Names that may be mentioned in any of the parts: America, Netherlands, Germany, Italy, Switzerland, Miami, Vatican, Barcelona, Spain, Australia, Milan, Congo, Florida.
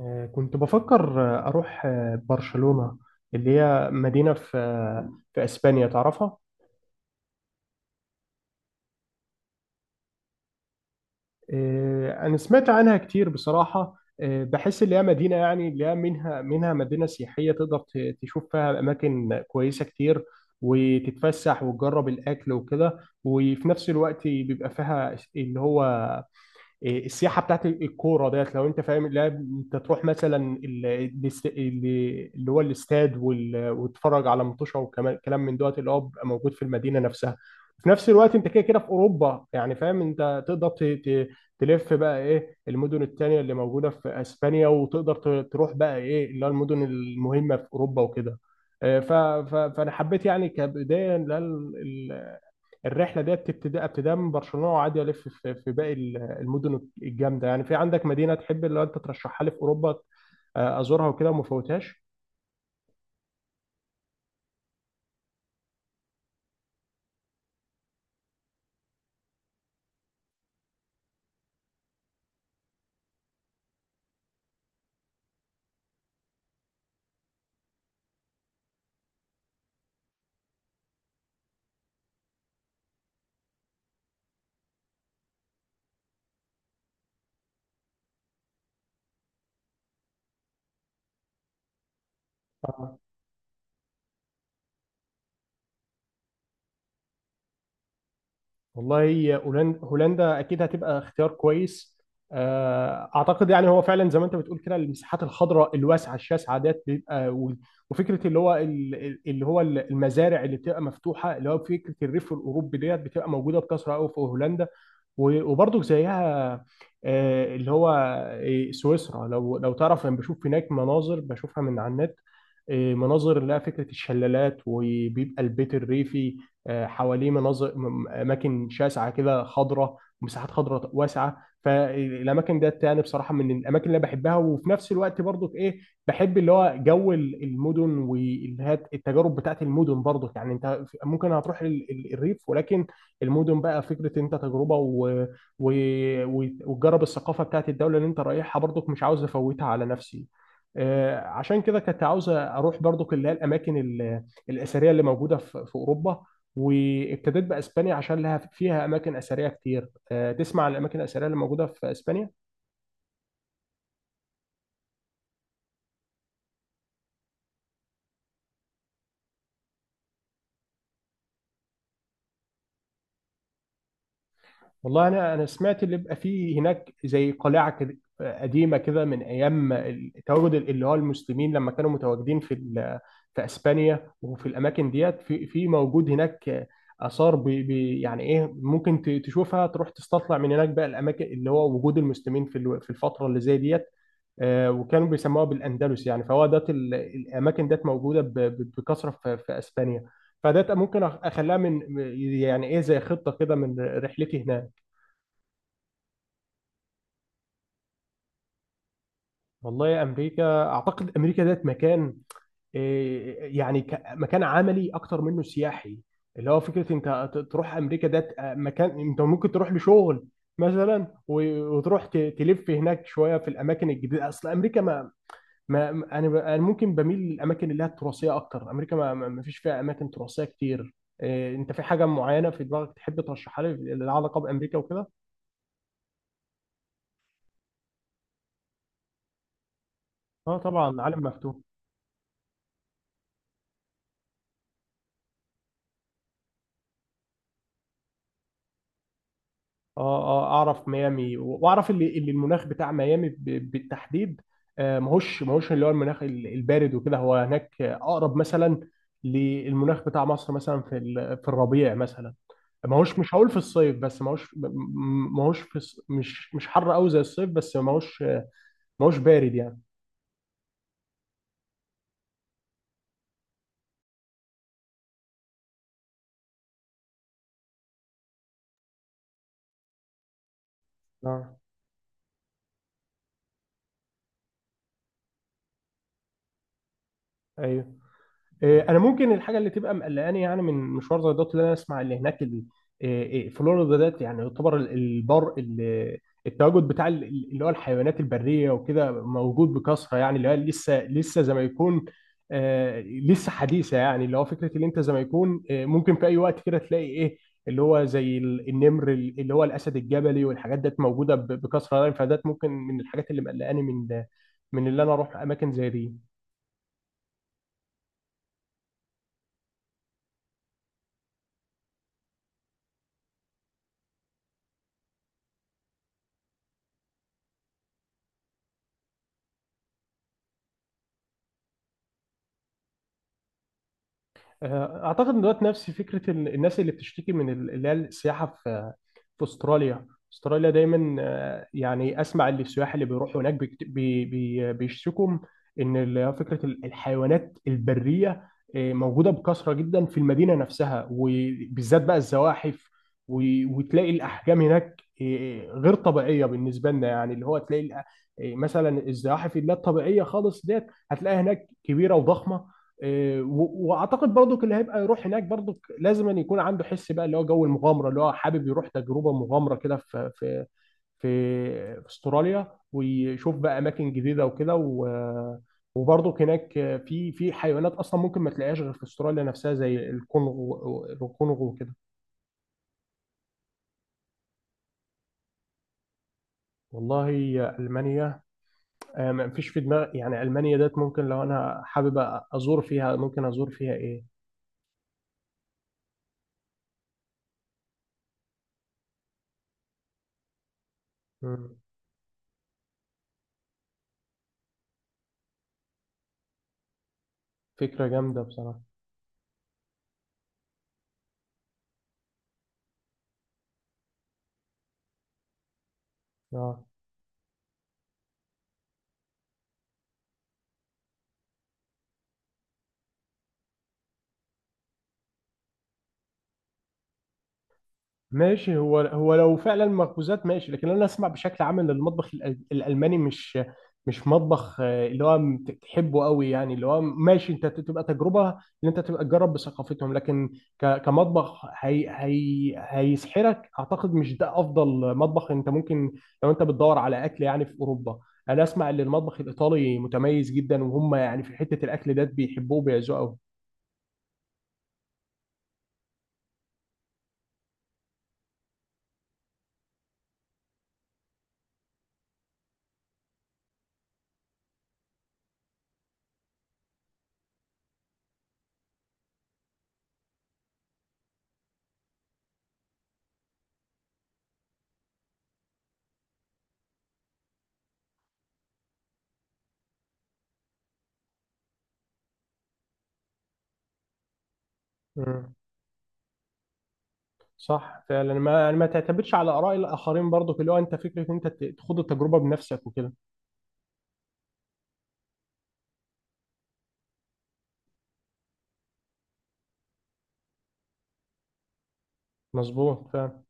كنت بفكر، أروح، برشلونة، اللي هي مدينة في في أسبانيا تعرفها. أنا سمعت عنها كتير بصراحة. بحس اللي هي مدينة، يعني اللي هي منها مدينة سياحية، تقدر تشوف فيها أماكن كويسة كتير، وتتفسح وتجرب الأكل وكده. وفي نفس الوقت بيبقى فيها اللي هو إيه، السياحه بتاعت الكوره ديت، لو انت فاهم. لا، انت تروح مثلا اللي هو الاستاد، وتتفرج على مطوشه، وكمان كلام من دوت اللي هو بيبقى موجود في المدينه نفسها. في نفس الوقت انت كده كده في اوروبا، يعني فاهم، انت تقدر تلف بقى ايه المدن التانية اللي موجوده في اسبانيا، وتقدر تروح بقى ايه اللي هو المدن المهمه في اوروبا وكده. آه، ف- فانا حبيت يعني كبدايه الرحله ديت، بتبتدي ابتداء من برشلونه، وعادي الف في باقي المدن الجامده. يعني في عندك مدينه تحب اللي انت ترشحها لي في اوروبا، ازورها وكده وما فوتهاش؟ والله، هولندا، هولندا اكيد هتبقى اختيار كويس. اعتقد يعني هو فعلا زي ما انت بتقول كده، المساحات الخضراء الواسعه الشاسعه ديت بيبقى، وفكره اللي هو اللي هو المزارع اللي بتبقى مفتوحه، اللي هو فكره الريف الاوروبي ديت بتبقى موجوده بكثره قوي في هولندا. وبرضه زيها، آه، اللي هو آه، سويسرا. لو تعرف، انا بشوف هناك مناظر، بشوفها من على النت، مناظر اللي هي فكره الشلالات، وبيبقى البيت الريفي حواليه اماكن شاسعه كده خضراء، ومساحات خضراء واسعه. فالاماكن ديت يعني بصراحه من الاماكن اللي أنا بحبها. وفي نفس الوقت برضو ايه، بحب اللي هو جو المدن والتجارب بتاعت المدن. برضو يعني انت في- ممكن هتروح الريف، ولكن المدن بقى فكره انت تجربه، وتجرب الثقافه بتاعت الدوله اللي انت رايحها، برضو مش عاوز افوتها على نفسي. عشان كده كنت عاوز اروح برضو اللي هي الاماكن الاثريه اللي موجوده في اوروبا. وابتديت باسبانيا عشان لها فيها اماكن اثريه كتير. تسمع عن الاماكن الاثريه اللي موجوده في اسبانيا؟ والله، انا سمعت اللي بيبقى فيه هناك زي قلعه كده، قديمه كده، من ايام التواجد اللي هو المسلمين لما كانوا متواجدين في في اسبانيا. وفي الاماكن ديت في موجود هناك اثار بي يعني ايه، ممكن تشوفها، تروح تستطلع من هناك بقى الاماكن اللي هو وجود المسلمين في في الفتره اللي زي ديت. وكانوا بيسموها بالاندلس، يعني فهو ده الاماكن ديت موجوده بكثره في اسبانيا. فده ممكن اخليها من يعني ايه، زي خطه كده من رحلتي هناك. والله يا امريكا، اعتقد امريكا ديت مكان يعني مكان عملي اكتر منه سياحي. اللي هو فكره انت تروح امريكا ديت مكان انت ممكن تروح لشغل مثلا، وتروح تلف هناك شويه في الاماكن الجديده. اصل امريكا انا ممكن بميل للاماكن اللي هي التراثيه اكتر. امريكا ما فيش فيها اماكن تراثيه كتير. إيه، انت في حاجه معينه في دماغك تحب ترشحها لي، لها علاقه بامريكا وكده؟ اه، طبعا، عالم مفتوح. اه، اعرف ميامي واعرف اللي المناخ بتاع ميامي بالتحديد. ماهوش اللي هو المناخ البارد وكده. هو هناك اقرب مثلا للمناخ بتاع مصر مثلا في في الربيع مثلا. ماهوش، مش هقول في الصيف، بس ماهوش ماهوش في مش حر قوي زي الصيف، بس ماهوش ما هوش بارد يعني. اه. ايوه. إيه انا، ممكن الحاجه اللي تبقى مقلقاني يعني من مشوار زي دوت، اللي انا اسمع اللي هناك إيه، فلوريدا ديت يعني يعتبر التواجد بتاع اللي هو الحيوانات البريه وكده موجود بكثره. يعني اللي هو لسه زي ما يكون آه، لسه حديثه. يعني اللي هو فكره اللي انت زي ما يكون آه، ممكن في اي وقت كده تلاقي ايه، اللي هو زي اللي هو الاسد الجبلي والحاجات ديت موجوده بكثره يعني. فديت ممكن من الحاجات اللي مقلقاني من اللي انا اروح اماكن زي دي. اعتقد ان دلوقتي نفس فكره الناس اللي بتشتكي من اللي هي السياحه في استراليا. استراليا دايما يعني اسمع اللي السياح اللي بيروحوا هناك بيكت- بي بي بيشتكوا ان فكره الحيوانات البريه موجوده بكثره جدا في المدينه نفسها، وبالذات بقى الزواحف. وتلاقي الاحجام هناك غير طبيعيه بالنسبه لنا. يعني اللي هو تلاقي مثلا الزواحف اللي هي الطبيعيه خالص ديت هتلاقيها هناك كبيره وضخمه. واعتقد برضك اللي هيبقى يروح هناك برضك لازم أن يكون عنده حس بقى اللي هو جو المغامره، اللي هو حابب يروح تجربه مغامره كده في استراليا، ويشوف بقى اماكن جديده وكده. وبرضك هناك في حيوانات اصلا ممكن ما تلاقيهاش غير في استراليا نفسها، زي الكونغو، الكونغو وكده. والله، المانيا ما فيش في دماغي. يعني المانيا ديت ممكن لو انا حابب ازور فيها، ممكن ازور فيها ايه؟ مم، فكره جامده بصراحه. آه. ماشي، هو هو لو فعلا مخبوزات ماشي. لكن انا اسمع بشكل عام ان المطبخ الالماني مش مطبخ اللي هو تحبه قوي. يعني اللي هو ماشي، انت تبقى تجربه ان انت تبقى تجرب بثقافتهم، لكن كمطبخ هي هيسحرك، اعتقد مش ده افضل مطبخ انت ممكن، لو انت بتدور على اكل يعني في اوروبا. انا اسمع ان المطبخ الايطالي متميز جدا، وهم يعني في حته الاكل ده بيحبوه وبيعزوه قوي. صح فعلا. ما يعني ما تعتمدش على اراء الاخرين برضو. اللي هو انت فكره ان انت تخوض التجربه بنفسك وكده. مظبوط فعلا.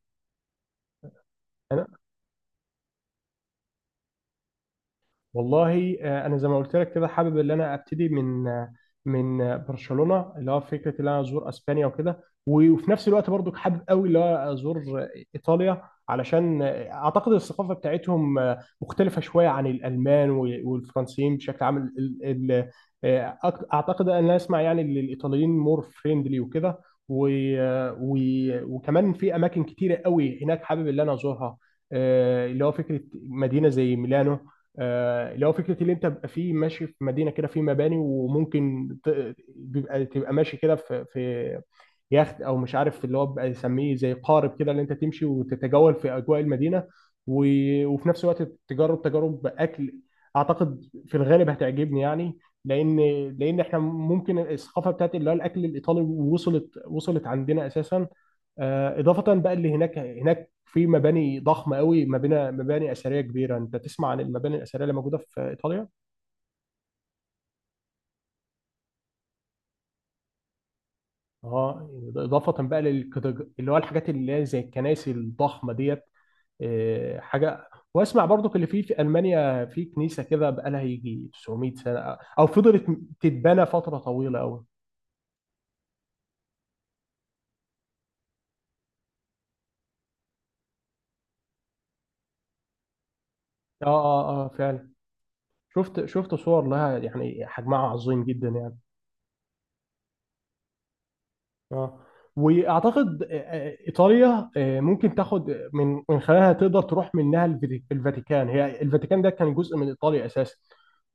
والله، انا زي ما قلت لك كده، حابب ان انا ابتدي من برشلونه، اللي هو فكره ان انا ازور اسبانيا وكده. وفي نفس الوقت برضو حابب قوي اللي هو ازور آه، ايطاليا، علشان اعتقد الثقافه بتاعتهم مختلفه شويه عن الالمان والفرنسيين بشكل عام. اعتقد ان انا اسمع يعني ان الايطاليين مور فريندلي وكده. و- وكمان في اماكن كتيره قوي هناك حابب ان انا ازورها. اللي هو فكره مدينه زي ميلانو، اللي هو فكره اللي انت بيبقى فيه ماشي في مدينه كده في مباني، وممكن ت- بيبقى تبقى ماشي كده في يخت، او مش عارف اللي هو بيبقى يسميه زي قارب كده، اللي انت تمشي وتتجول في اجواء المدينه. وفي نفس الوقت تجرب تجارب اكل، اعتقد في الغالب هتعجبني يعني، لان لان احنا ممكن الثقافه بتاعت اللي هو الاكل الايطالي وصلت وصلت عندنا اساسا. اضافه بقى اللي هناك، هناك في مباني ضخمه قوي، مباني مباني اثريه كبيره. انت تسمع عن المباني الاثريه اللي موجوده في ايطاليا. اه، اضافه بقى اللي هو الحاجات اللي هي زي الكنائس الضخمه ديت. حاجه، واسمع برضو اللي في المانيا في كنيسه كده، بقى لها يجي 900 سنه، او فضلت تتبنى فتره طويله قوي. اه اه اه، فعلا. شفت شفت صور لها، يعني حجمها عظيم جدا يعني. اه، واعتقد ايطاليا ممكن تاخد من خلالها، تقدر تروح منها الفاتيكان. هي الفاتيكان ده كان جزء من ايطاليا اساسا،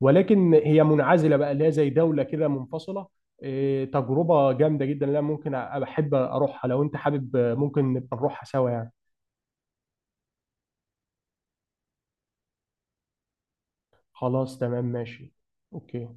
ولكن هي منعزله بقى، اللي هي زي دوله كده منفصله. تجربه جامده جدا، لا ممكن احب اروحها. لو انت حابب ممكن نبقى نروحها سوا يعني. خلاص تمام، ماشي. اوكي.